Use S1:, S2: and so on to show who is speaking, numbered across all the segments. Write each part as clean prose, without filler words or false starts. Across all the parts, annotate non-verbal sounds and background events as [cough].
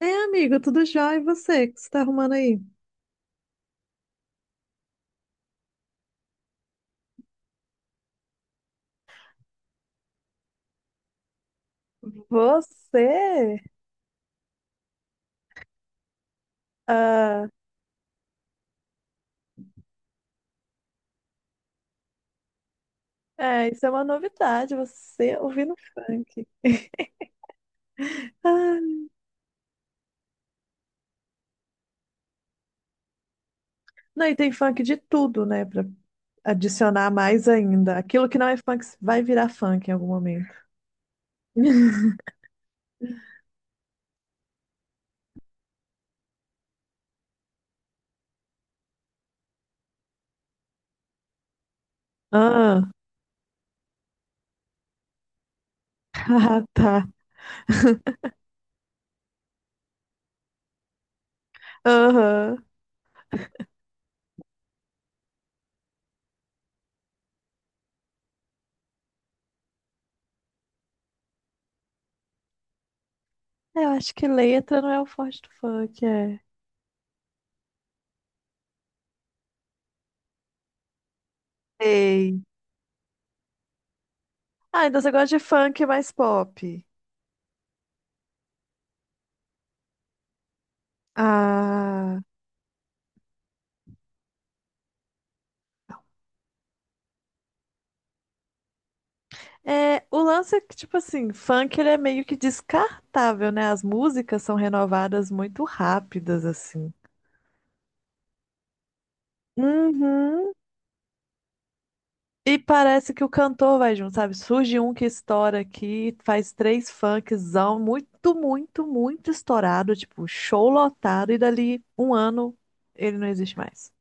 S1: É, amigo, tudo jóia? E você? O que você tá arrumando aí? Você? Ah, é, isso é uma novidade, você ouvindo funk. Ah, não, e tem funk de tudo, né? Pra adicionar mais ainda. Aquilo que não é funk vai virar funk em algum momento. [laughs] Ah, [laughs] ah, tá. Aham. É, eu acho que letra não é o forte do funk, é. Ei. Ah, então você gosta de funk mais pop. Ah. É, o lance é que, tipo assim, funk ele é meio que descartável, né? As músicas são renovadas muito rápidas, assim. Uhum. E parece que o cantor vai junto, sabe? Surge um que estoura aqui, faz três funkzão, muito estourado, tipo, show lotado, e dali um ano ele não existe mais.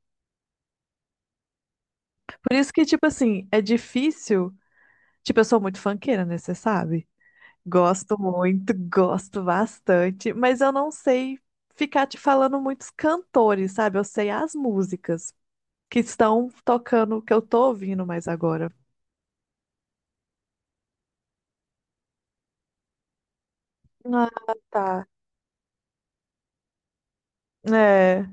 S1: Por isso que, tipo assim, é difícil. Tipo, eu sou muito funkeira, né? Você sabe? Gosto muito, gosto bastante, mas eu não sei ficar te falando muitos cantores, sabe? Eu sei as músicas que estão tocando, que eu tô ouvindo mais agora. Ah, tá. É.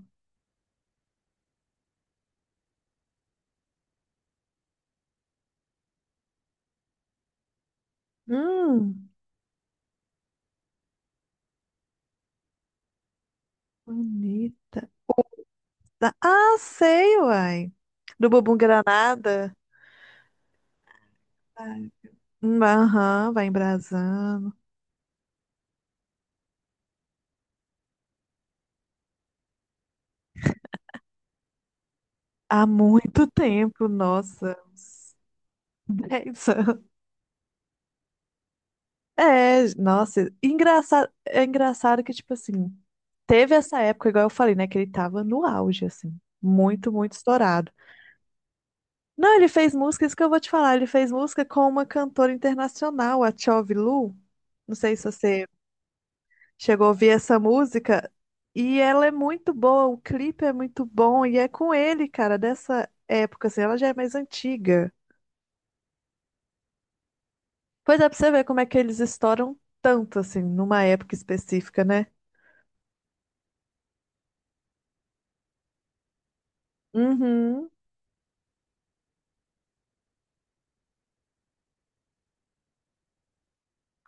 S1: Hum, bonita. Tá. Ah, sei, uai. Do Bumbum Granada. Ah, hum, aham, vai embrasando. Há muito tempo, nossa. Uns [laughs] 10 anos. É, nossa, engraçado, é engraçado que, tipo assim, teve essa época, igual eu falei, né, que ele tava no auge, assim, muito estourado. Não, ele fez música, isso que eu vou te falar, ele fez música com uma cantora internacional, a Tchove Lu, não sei se você chegou a ouvir essa música, e ela é muito boa, o clipe é muito bom, e é com ele, cara, dessa época, assim, ela já é mais antiga. Pois é, pra você ver como é que eles estouram tanto, assim, numa época específica, né? Uhum.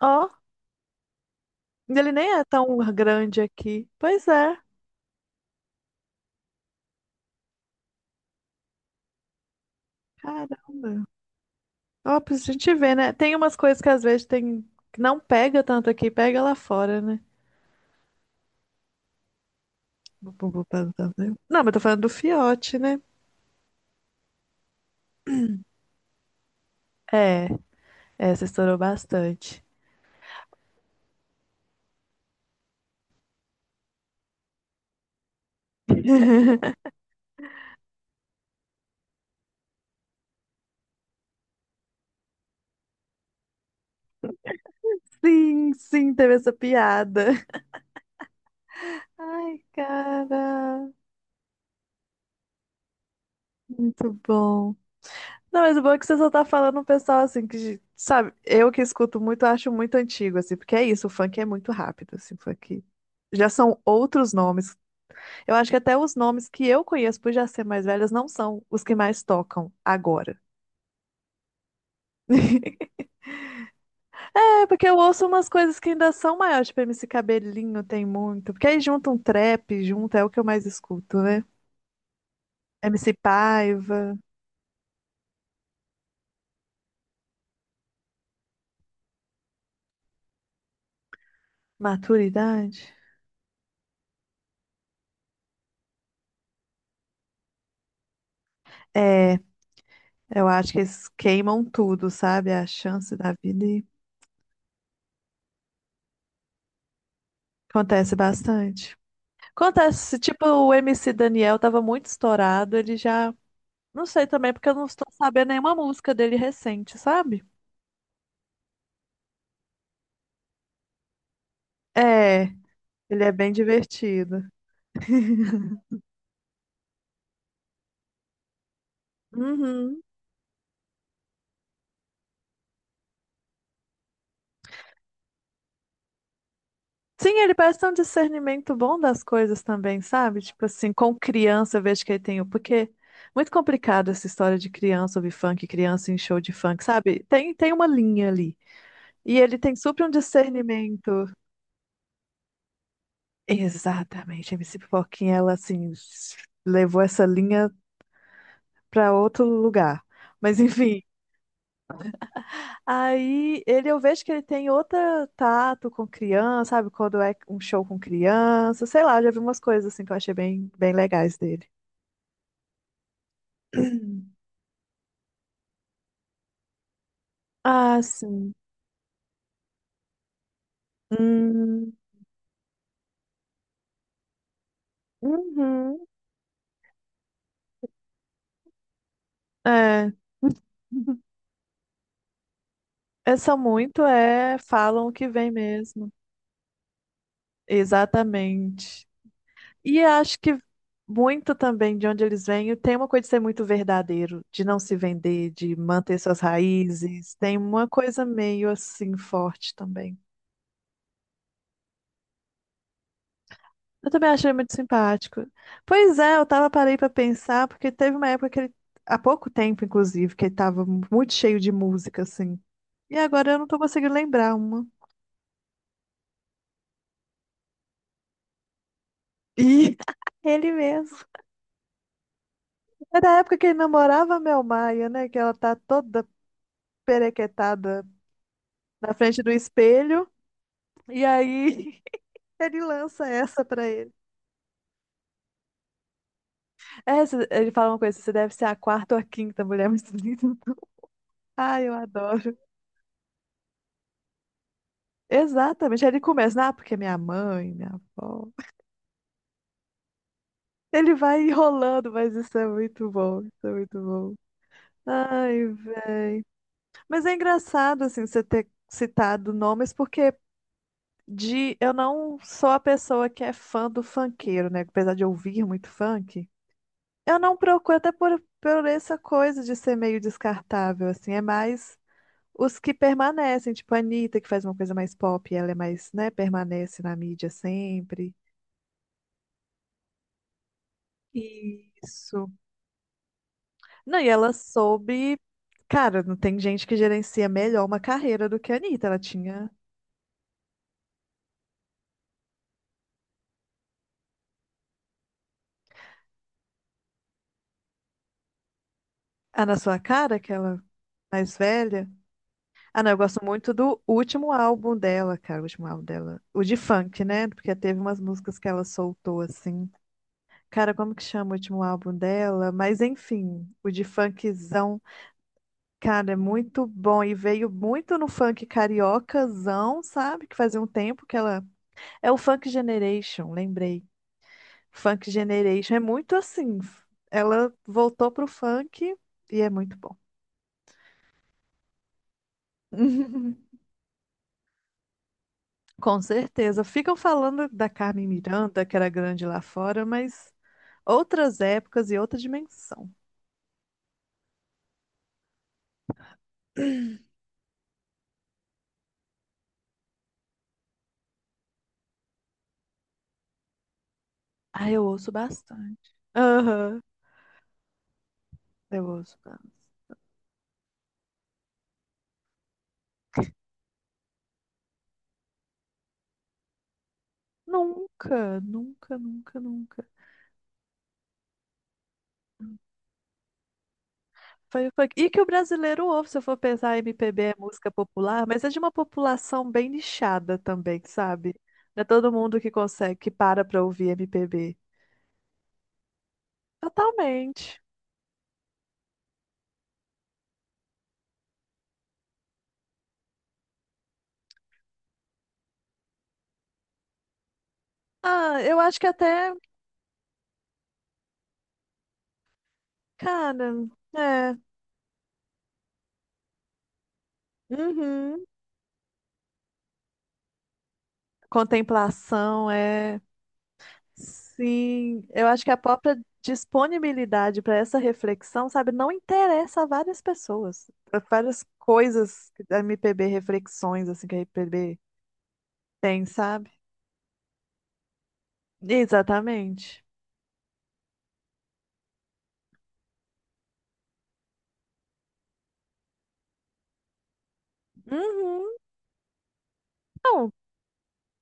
S1: Ó. Ele nem é tão grande aqui. Pois é. Caramba. Ó, pra gente ver, né? Tem umas coisas que às vezes tem que não pega tanto aqui, pega lá fora, né? Não, mas tô falando do fiote, né? É, essa estourou bastante. Sim, sim, teve essa piada. Ai, cara, muito bom. Não, mas o bom é que você só tá falando um pessoal assim que, sabe, eu que escuto muito, acho muito antigo, assim, porque é isso, o funk é muito rápido, assim, o funk. Já são outros nomes. Eu acho que até os nomes que eu conheço por já ser mais velhas não são os que mais tocam agora. [laughs] É, porque eu ouço umas coisas que ainda são maiores, tipo MC Cabelinho tem muito. Porque aí junta um trap, junta, é o que eu mais escuto, né? MC Paiva, maturidade. É, eu acho que eles queimam tudo, sabe? A chance da vida e acontece bastante. Acontece, tipo, o MC Daniel tava muito estourado, ele já. Não sei também, porque eu não estou sabendo nenhuma música dele recente, sabe? É, ele é bem divertido. Uhum. Sim, ele parece ter um discernimento bom das coisas também, sabe? Tipo assim, com criança eu vejo que ele tem o. Porque muito complicado essa história de criança ouvir funk, criança em show de funk, sabe? Tem uma linha ali. E ele tem super um discernimento. Exatamente, a MC Pipoquinha, ela assim, levou essa linha pra outro lugar. Mas enfim. Aí ele, eu vejo que ele tem outro tato com criança, sabe? Quando é um show com criança, sei lá, já vi umas coisas assim que eu achei bem, bem legais dele. [clears throat] Ah, sim. Hum, uhum. É. [laughs] É, são muito, é, falam o que vem mesmo. Exatamente. E acho que muito também de onde eles vêm, tem uma coisa de ser muito verdadeiro, de não se vender, de manter suas raízes. Tem uma coisa meio assim forte também. Eu também achei muito simpático. Pois é, eu tava parei pra pensar, porque teve uma época que ele, há pouco tempo, inclusive, que ele tava muito cheio de música, assim. E agora eu não tô conseguindo lembrar uma. E [laughs] ele mesmo. É da época que ele namorava a Mel Maia, né? Que ela tá toda perequetada na frente do espelho. E aí [laughs] ele lança essa pra ele. Essa, ele fala uma coisa, você deve ser a quarta ou a quinta mulher mais [laughs] bonita. Do ai, eu adoro. Exatamente. Aí ele começa, ah, porque é minha mãe, minha avó. Ele vai enrolando, mas isso é muito bom. Ai, véi. Mas é engraçado, assim, você ter citado nomes, porque de eu não sou a pessoa que é fã do funkeiro, né? Apesar de ouvir muito funk, eu não procuro, até por essa coisa de ser meio descartável, assim, é mais os que permanecem, tipo a Anitta, que faz uma coisa mais pop, ela é mais, né, permanece na mídia sempre. Isso. Não, e ela soube. Cara, não tem gente que gerencia melhor uma carreira do que a Anitta. Ela tinha a Na Sua Cara, aquela mais velha. Ah, não, eu gosto muito do último álbum dela, cara. O último álbum dela. O de funk, né? Porque teve umas músicas que ela soltou, assim. Cara, como que chama o último álbum dela? Mas enfim, o de funkzão, cara, é muito bom. E veio muito no funk cariocazão, sabe? Que fazia um tempo que ela. É o Funk Generation, lembrei. Funk Generation é muito assim. Ela voltou pro funk e é muito bom. [laughs] Com certeza. Ficam falando da Carmen Miranda, que era grande lá fora, mas outras épocas e outra dimensão. Ah, eu ouço bastante. Aham, eu ouço bastante. Nunca. Foi, foi... E que o brasileiro ouve, se eu for pensar, MPB é música popular, mas é de uma população bem nichada também, sabe? Não é todo mundo que consegue, que para pra ouvir MPB. Totalmente. Ah, eu acho que até, cara, é. Uhum. Contemplação é. Sim, eu acho que a própria disponibilidade para essa reflexão, sabe, não interessa a várias pessoas, a várias coisas que a MPB, reflexões assim que a MPB tem, sabe? Exatamente. Uhum. Não,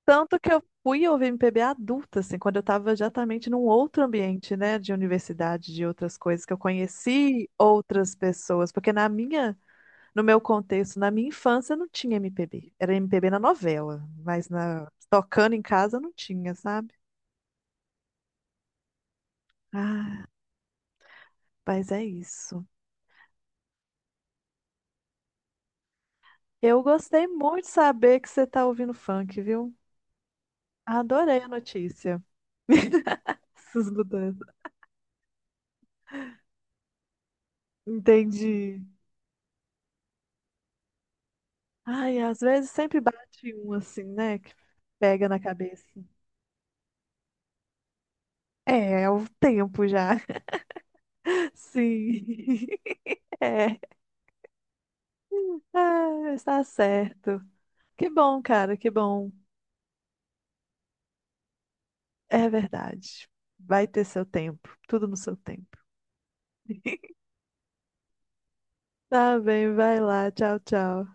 S1: tanto que eu fui ouvir MPB adulta, assim, quando eu estava exatamente num outro ambiente, né, de universidade, de outras coisas, que eu conheci outras pessoas, porque na minha, no meu contexto, na minha infância não tinha MPB. Era MPB na novela, mas na, tocando em casa não tinha, sabe? Ah, mas é isso. Eu gostei muito de saber que você tá ouvindo funk, viu? Adorei a notícia. [laughs] Essas mudanças. Entendi. Ai, às vezes sempre bate um assim, né? Que pega na cabeça. É, é o tempo já. [laughs] Sim. [laughs] É. Ah, está certo. Que bom, cara, que bom. É verdade. Vai ter seu tempo. Tudo no seu tempo. [laughs] Tá bem, vai lá. Tchau, tchau.